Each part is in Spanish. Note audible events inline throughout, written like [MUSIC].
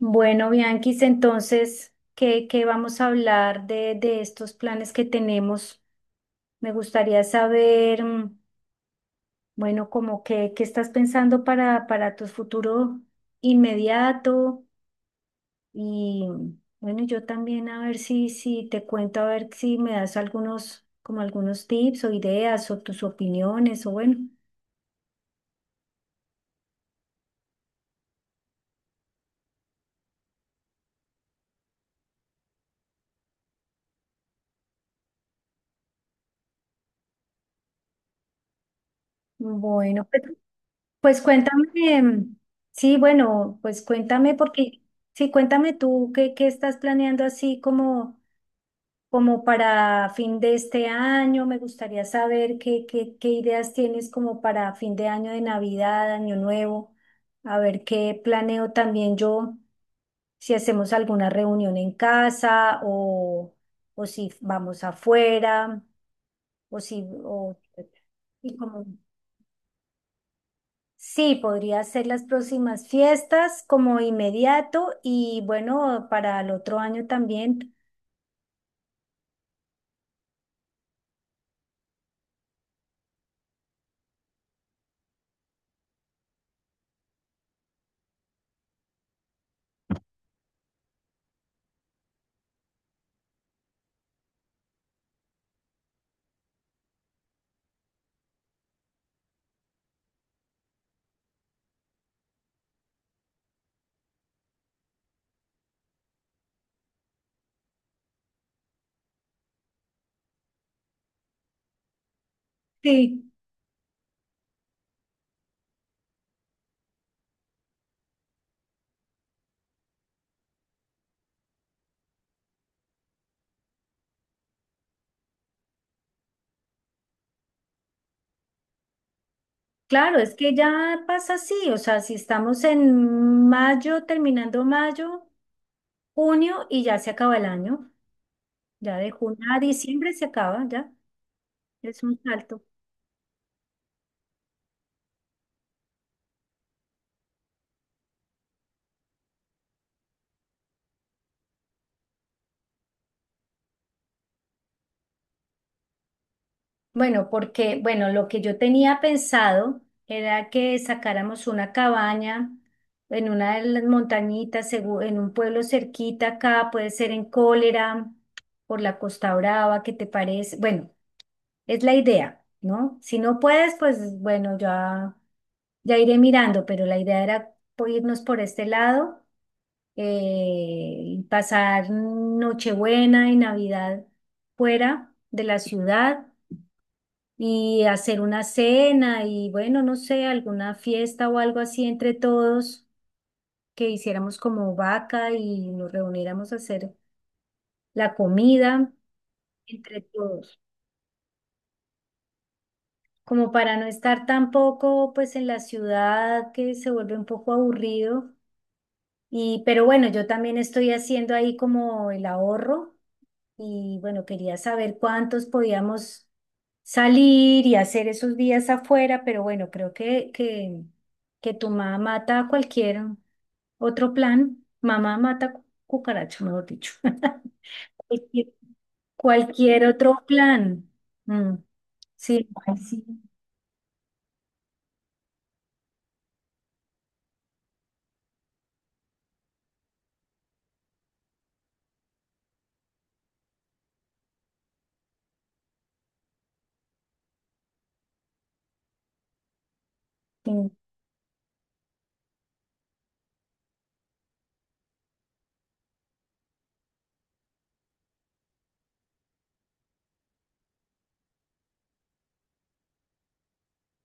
Bueno, Bianquis, entonces, ¿qué vamos a hablar de estos planes que tenemos? Me gustaría saber, bueno, como que, ¿qué estás pensando para tu futuro inmediato? Y bueno, yo también a ver si te cuento, a ver si me das algunos, como algunos tips o ideas o tus opiniones o bueno. Bueno, pues Pues cuéntame. Sí, bueno, pues cuéntame porque, sí, cuéntame tú qué, qué estás planeando así como, como para fin de este año. Me gustaría saber qué ideas tienes como para fin de año, de Navidad, Año Nuevo. A ver qué planeo también yo, si hacemos alguna reunión en casa o si vamos afuera o si, y como- Sí, podría ser las próximas fiestas como inmediato y bueno, para el otro año también. Sí, claro, es que ya pasa así, o sea, si estamos en mayo, terminando mayo, junio y ya se acaba el año, ya de junio a diciembre se acaba, ya es un salto. Bueno, porque, bueno, lo que yo tenía pensado era que sacáramos una cabaña en una de las montañitas, en un pueblo cerquita acá, puede ser en Cólera, por la Costa Brava. ¿Qué te parece? Bueno, es la idea, ¿no? Si no puedes, pues bueno, ya, ya iré mirando, pero la idea era irnos por este lado, eh, y pasar Nochebuena y Navidad fuera de la ciudad y hacer una cena y bueno, no sé, alguna fiesta o algo así entre todos, que hiciéramos como vaca y nos reuniéramos a hacer la comida entre todos, como para no estar tampoco pues en la ciudad, que se vuelve un poco aburrido. Y pero bueno, yo también estoy haciendo ahí como el ahorro. Y bueno, quería saber cuántos podíamos salir y hacer esos días afuera, pero bueno, creo que tu mamá mata cualquier otro plan. Mamá mata cucaracho, mejor dicho. [LAUGHS] Cualquier, cualquier otro plan. Mm, Sí, ay, sí, sí.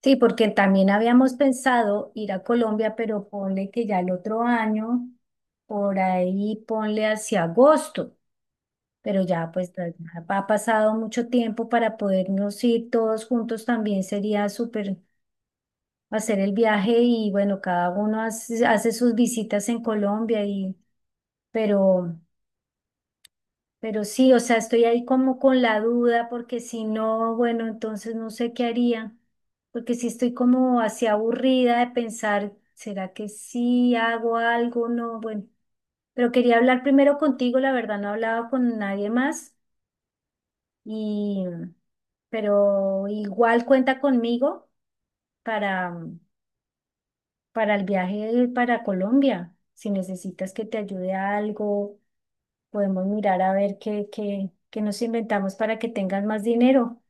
Sí, porque también habíamos pensado ir a Colombia, pero ponle que ya el otro año, por ahí ponle hacia agosto. Pero ya, pues ya ha pasado mucho tiempo. Para podernos ir todos juntos también sería súper hacer el viaje, y bueno, cada uno hace, hace sus visitas en Colombia y, pero, pero sí, o sea, estoy ahí como con la duda porque si no, bueno, entonces no sé qué haría, porque si estoy como así aburrida de pensar, ¿será que sí hago algo? No, bueno, pero quería hablar primero contigo, la verdad no he hablado con nadie más. Y, pero igual cuenta conmigo para, para el viaje para Colombia. Si necesitas que te ayude a algo, podemos mirar a ver qué nos inventamos para que tengas más dinero.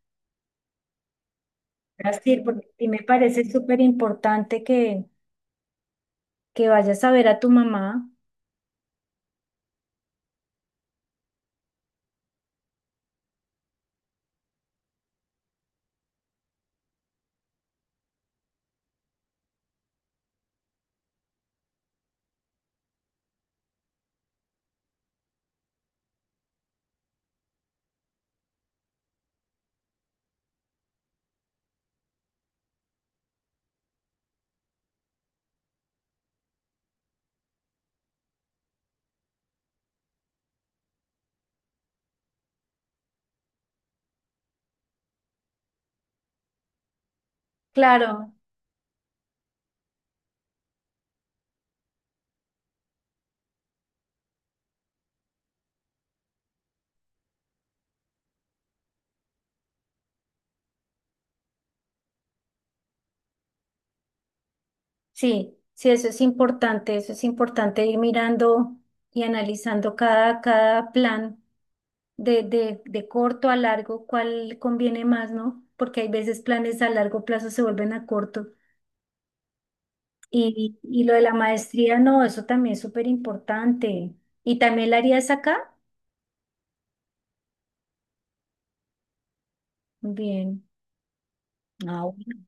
Así, porque a mí me parece súper importante que vayas a ver a tu mamá. Claro. Sí, sí, eso es importante ir mirando y analizando cada, cada plan de, de corto a largo, ¿cuál conviene más, ¿no? Porque hay veces planes a largo plazo se vuelven a corto. Y lo de la maestría, no, eso también es súper importante. ¿Y también la harías acá? Bien. Ah, bueno,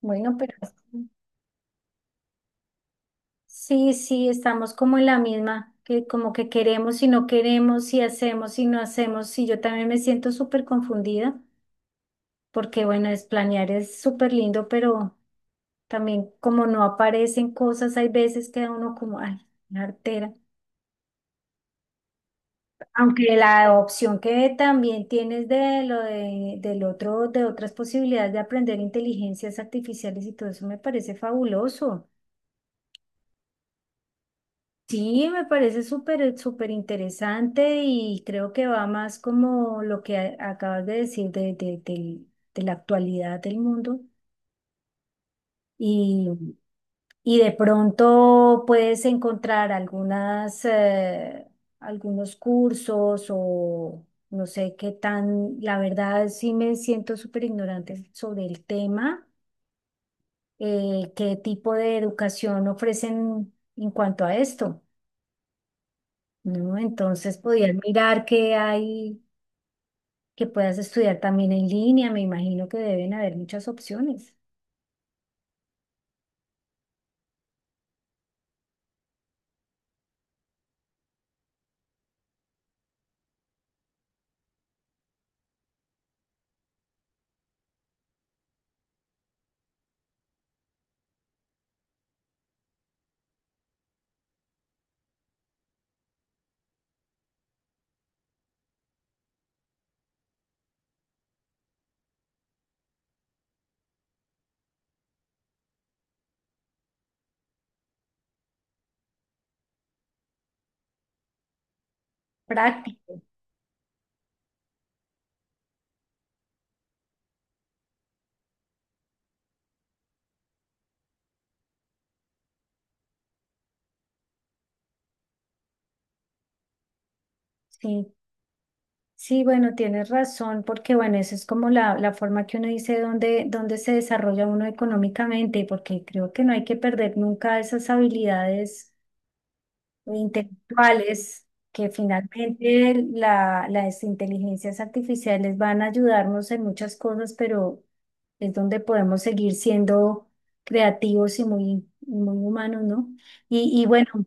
bueno, pero... Sí, sí, estamos como en la misma, que como que queremos y no queremos, si hacemos y no hacemos, y yo también me siento súper confundida, porque bueno, es planear, es súper lindo, pero también como no aparecen cosas, hay veces que uno como, ay, una artera. Aunque la opción que también tienes de lo de, del otro, de otras posibilidades de aprender inteligencias artificiales y todo eso me parece fabuloso. Sí, me parece súper, súper interesante y creo que va más como lo que acabas de decir de, del de la actualidad del mundo y, y de pronto puedes encontrar algunas, algunos cursos o no sé qué tan, la verdad sí me siento súper ignorante sobre el tema, qué tipo de educación ofrecen en cuanto a esto, ¿no? Entonces podías mirar que hay, que puedas estudiar también en línea, me imagino que deben haber muchas opciones. Práctico, sí. Sí, bueno, tienes razón, porque bueno, esa es como la forma que uno dice dónde, dónde se desarrolla uno económicamente, porque creo que no hay que perder nunca esas habilidades intelectuales, que finalmente las inteligencias artificiales van a ayudarnos en muchas cosas, pero es donde podemos seguir siendo creativos y muy, muy humanos, ¿no? Y bueno,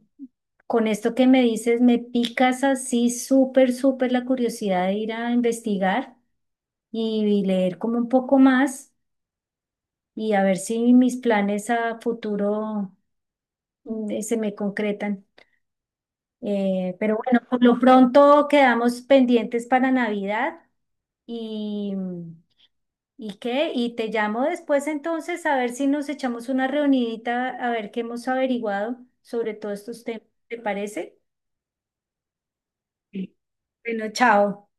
con esto que me dices, me picas así súper, súper la curiosidad de ir a investigar y leer como un poco más y a ver si mis planes a futuro, se me concretan. Pero bueno, por lo pronto quedamos pendientes para Navidad y, ¿y qué? Y te llamo después entonces a ver si nos echamos una reunidita a ver qué hemos averiguado sobre todos estos temas. ¿Te parece? Sí. Bueno, chao.